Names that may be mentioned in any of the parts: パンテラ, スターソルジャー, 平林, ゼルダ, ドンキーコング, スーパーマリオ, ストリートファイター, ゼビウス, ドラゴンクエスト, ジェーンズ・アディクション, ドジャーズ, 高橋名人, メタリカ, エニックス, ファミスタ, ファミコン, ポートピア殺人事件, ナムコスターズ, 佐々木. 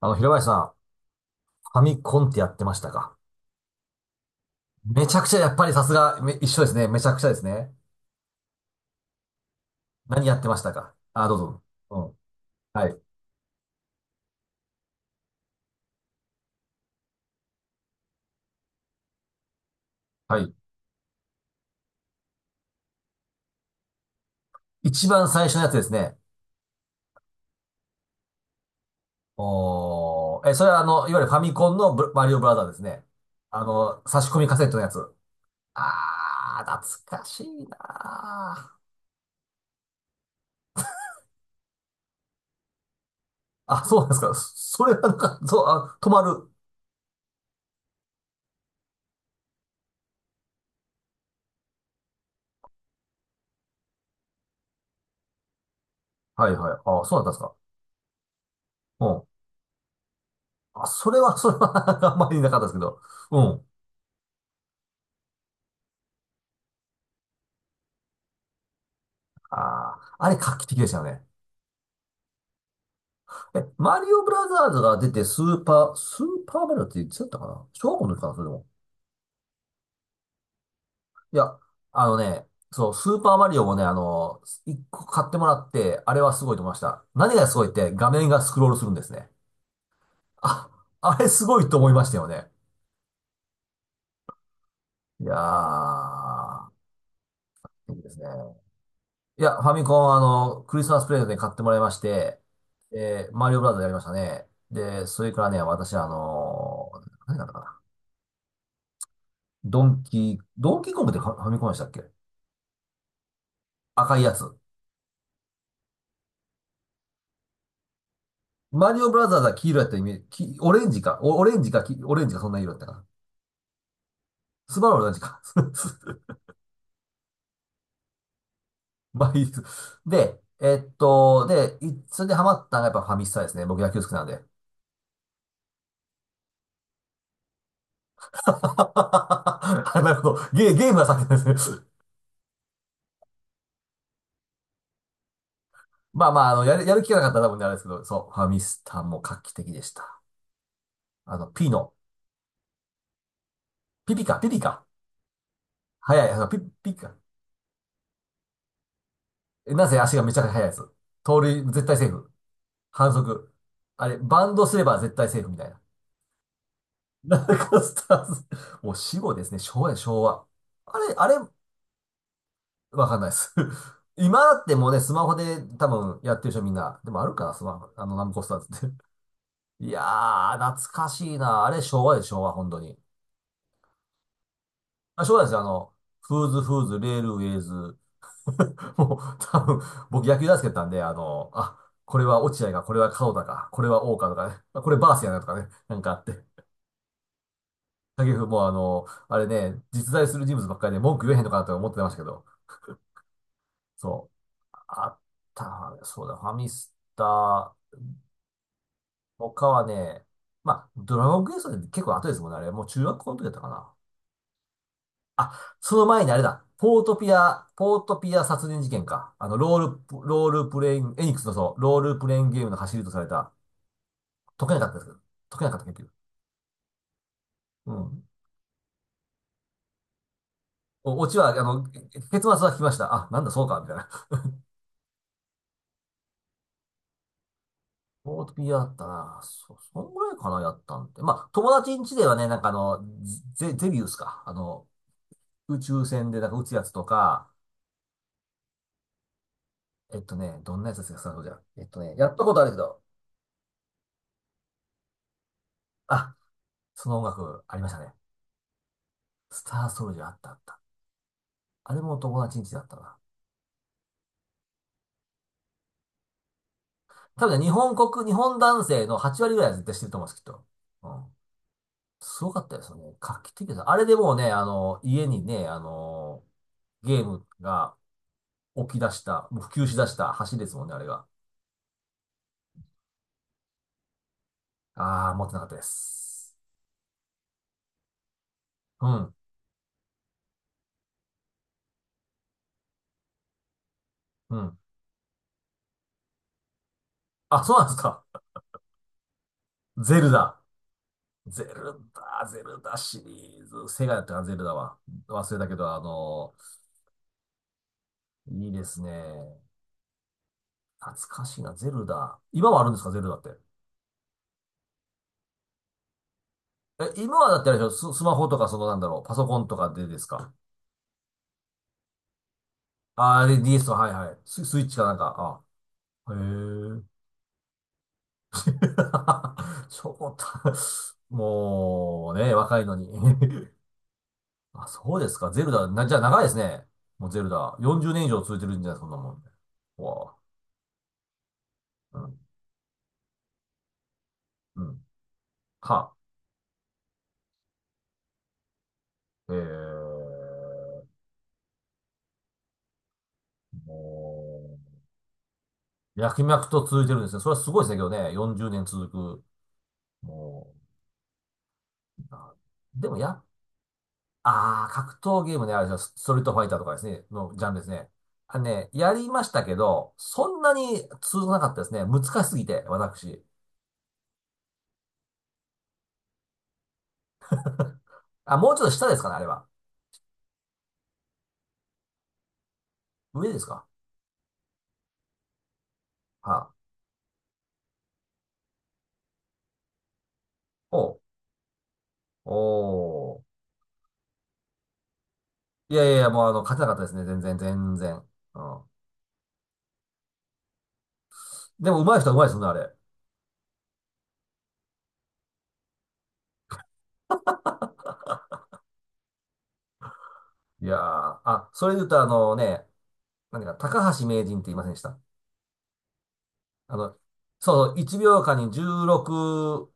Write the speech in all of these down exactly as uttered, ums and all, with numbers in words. あの、平林さん、ファミコンってやってましたか？めちゃくちゃ、やっぱりさすが、め一緒ですね。めちゃくちゃですね。何やってましたか？あ、どうぞ。うん。はい。はい。一番最初のやつですね。おー。え、それはあの、いわゆるファミコンのブマリオブラザーですね。あの、差し込みカセットのやつ。あー、懐かしいなー。あ、そうなんですか。そそれはなんか、そう、あ、止まる。はいはい。あ、そうだったんですか。うん。あ、それは、それは あんまりなかったですけど。うん。ああ、あれ画期的でしたよね。え、マリオブラザーズが出てスーパー、スーパーマリオっていつやったかな、小学校の時かな、それでも。いや、あのね、そう、スーパーマリオもね、あの、一個買ってもらって、あれはすごいと思いました。何がすごいって、画面がスクロールするんですね。あ、あれすごいと思いましたよね。いやー、いいですね。いや、ファミコン、あの、クリスマスプレゼントに買ってもらいまして、で、マリオブラザーズやりましたね。で、それからね、私、あの、何だったかな。ドンキー、ドンキーコングってファファミコンでしたっけ？赤いやつ。マリオブラザーズは黄色やったイメージ、きオレンジか、おオレンジか、きオレンジか、そんな色やったかな。スバルはオレンジか。まあいいです。で、えっと、で、いそれでハマったのがやっぱファミスタですね。僕野球好きなんで。あ、なるほど。ゲ、ゲームが先ですね。まあまあ、あの、やる、やる気がなかったら多分ねあれですけど、そう、ファミスタも画期的でした。あの、ピノ。ピピか、ピピか。速い、あの、ピ、ピか。えなぜ足がめちゃくちゃ速いやつ。盗塁、絶対セーフ。反則。あれ、バンドすれば絶対セーフみたいな。ナムコスターズ。もう死後ですね。昭和や、昭和。あれ、あれ、わかんないです。今だってもうね、スマホで多分やってる人みんな。でもあるか、スマホ、あの、ナムコスターズって。いやー、懐かしいな。あれ、昭和で昭和、本当に。あ、昭和ですよ。あの、フーズフーズ、レールウェイズ。もう、多分、僕野球大好きだったんで、あの、あ、これは落合か、これは門田か、これは大川とかね、あこれバースやなとかね、なんかあって。影風もあの、あれね、実在する人物ばっかりで文句言えへんのかなと思ってましたけど、そう、あった、そうだ、ファミスタ、他はね、まあ、ドラゴンクエストで結構後ですもんね、あれ、もう中学校の時だったかな。あ、その前にあれだ、ポートピア、ポートピア殺人事件か。あの、ロールプ、ロールプレイン、エニックスのそう、ロールプレインゲームの走りとされた、解けなかったですけど、解けなかった結局。うん。おオチは、あの、結末は聞きました。あ、なんだそうか、みたいな。ボートピアだったな。そ、そんぐらいかな、やったんって。まあ、友達ん家ではね、なんかあの、ゼ、ゼビウスか。あの、宇宙船でなんか撃つやつとか、えっとね、どんなやつですか、スターソルジャー。えっとね、やったことあるけど、あ、その音楽ありましたね。スターソルジャーあったあった。あれも友達ん家だったな。多分ね、日本国、日本男性のはち割ぐらいは絶対してると思うんです、きっと。うん。すごかったですよね。画期的です。あれでもうね、あの、家にね、あの、ゲームが起き出した、もう普及し出した橋ですもんね、あれが。ああ、持ってなかったです。うん、うん。あ、そうなんですか。ゼルダ。ゼルダ、ゼルダシリーズ。セガだったかな、ゼルダは。忘れたけど、あのーいいですね。懐かしいな、ゼルダ。今はあるんですか、ゼルダって。え、今はだってあれでしょ、ス、スマホとか、その、なんだろう、パソコンとかでですか。ああー、で ディーエス と、はいはい。ス、スイッチかなんか。あ、へえ。超た、もうね、若いのに あ、そうですか。ゼルダ、な、じゃあ長いですね。もうゼルダ。よんじゅうねん以上続いてるんじゃないですか、そんなもん。うわあ、うん、うん。は、えー、もう、脈々と続いてるんですね。それはすごいですね、けどね。よんじゅうねん続く。もう、あでもやっ、ああ、格闘ゲームね、あれですよ、スストリートファイターとかですね、のジャンルですね。あのね、やりましたけど、そんなに通じなかったですね。難しすぎて、私。あ、もうちょっと下ですかね、あれは。上ですか？はあ。おう。おう。いやいやいや、もうあの、勝てなかったですね。全然、全然。うん。でも、上手い人は上手いですね、あれ。いやー。あ、それで言うと、あのね、何か、高橋名人って言いませんでした？あの、そうそう、いちびょうかんにじゅうろく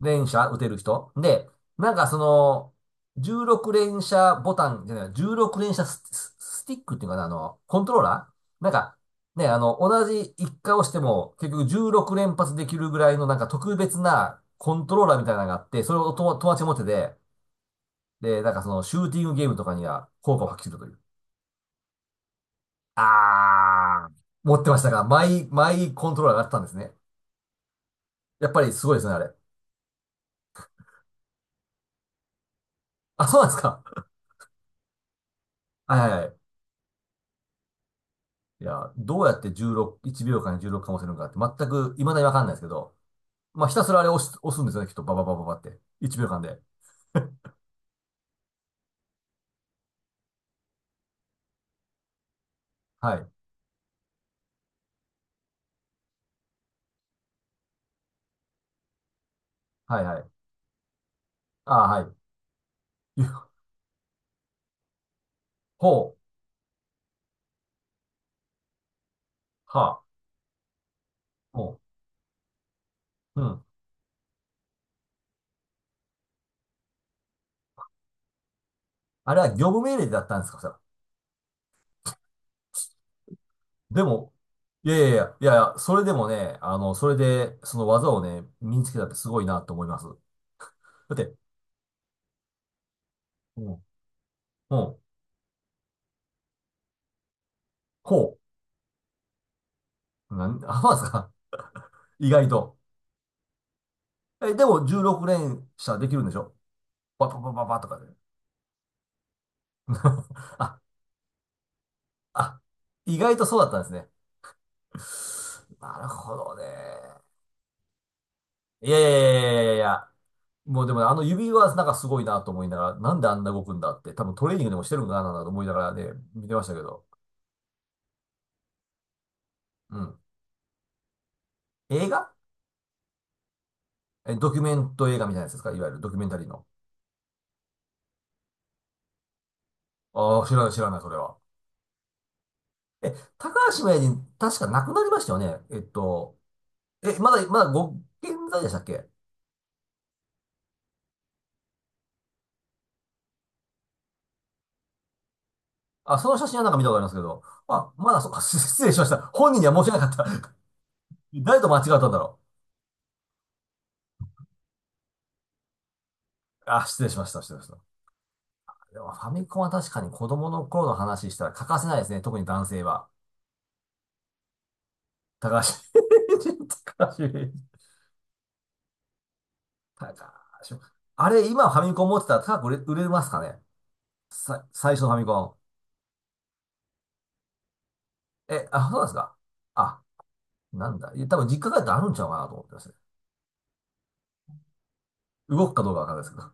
連射打てる人。で、なんかその、じゅうろく連射ボタンじゃない、じゅうろく連射ス、ススティックっていうかな、あの、コントローラーなんか、ね、あの、同じ一回押しても、結局じゅうろく連発できるぐらいのなんか特別なコントローラーみたいなのがあって、それをとも友達持ってて、で、なんかその、シューティングゲームとかには効果を発揮するという。あー、持ってましたが、マイ、マイコントローラーがあったんですね。やっぱりすごいですね、あれ。あ、そうなんですか。はいはいはい。いや、どうやってじゅうろく、いちびょうかんにじゅうろくかもせるのかって全く未だにわかんないですけど、まあ、ひたすらあれ押す、押すんですよね、きっと。バババババって。いちびょうかんで。はい。はいはい。ああ、はい。ゆ、ほう、は、ほう、うん。あれは業務命令だったんですか、それは？でも、いやいやいや、いやいや、それでもね、あの、それで、その技をね、身につけたってすごいなと思います。だって、うん、うん、ほう。なん、あ、まですか？意外と。え、でもじゅうろく連射できるんでしょ？パパパパパとかで。あ、あ、意外とそうだったんですね。なるほどね。いやいやいやいやいやいや。もうでもねあの指はなんかすごいなと思いながら、なんであんな動くんだって、多分トレーニングでもしてるのかなと思いながらね、見てましたけど。うん。映画？え、ドキュメント映画みたいなやつですか？いわゆるドキュメンタリーの。ああ、知らない知らない、それは。え、高橋名人、確か亡くなりましたよね。えっと、え、まだ、まだご健在でしたっけ？あ、その写真はなんか見たことありますけど。まあ、まだそっか、す失礼しました。本人には申し訳なかった。誰と間違ったんだろう。あ、失礼しました、失礼しました。でもファミコンは確かに子供の頃の話したら欠かせないですね。特に男性は。高橋 人高橋名人高橋。あれ、今ファミコン持ってたら高く売れ、売れますかね？さ、最初のファミコン。え、あ、そうなんですか？あ、なんだ。いや、多分実家帰ったらあるんちゃうかなと思ってますね。動くかどうかわかんないですけど。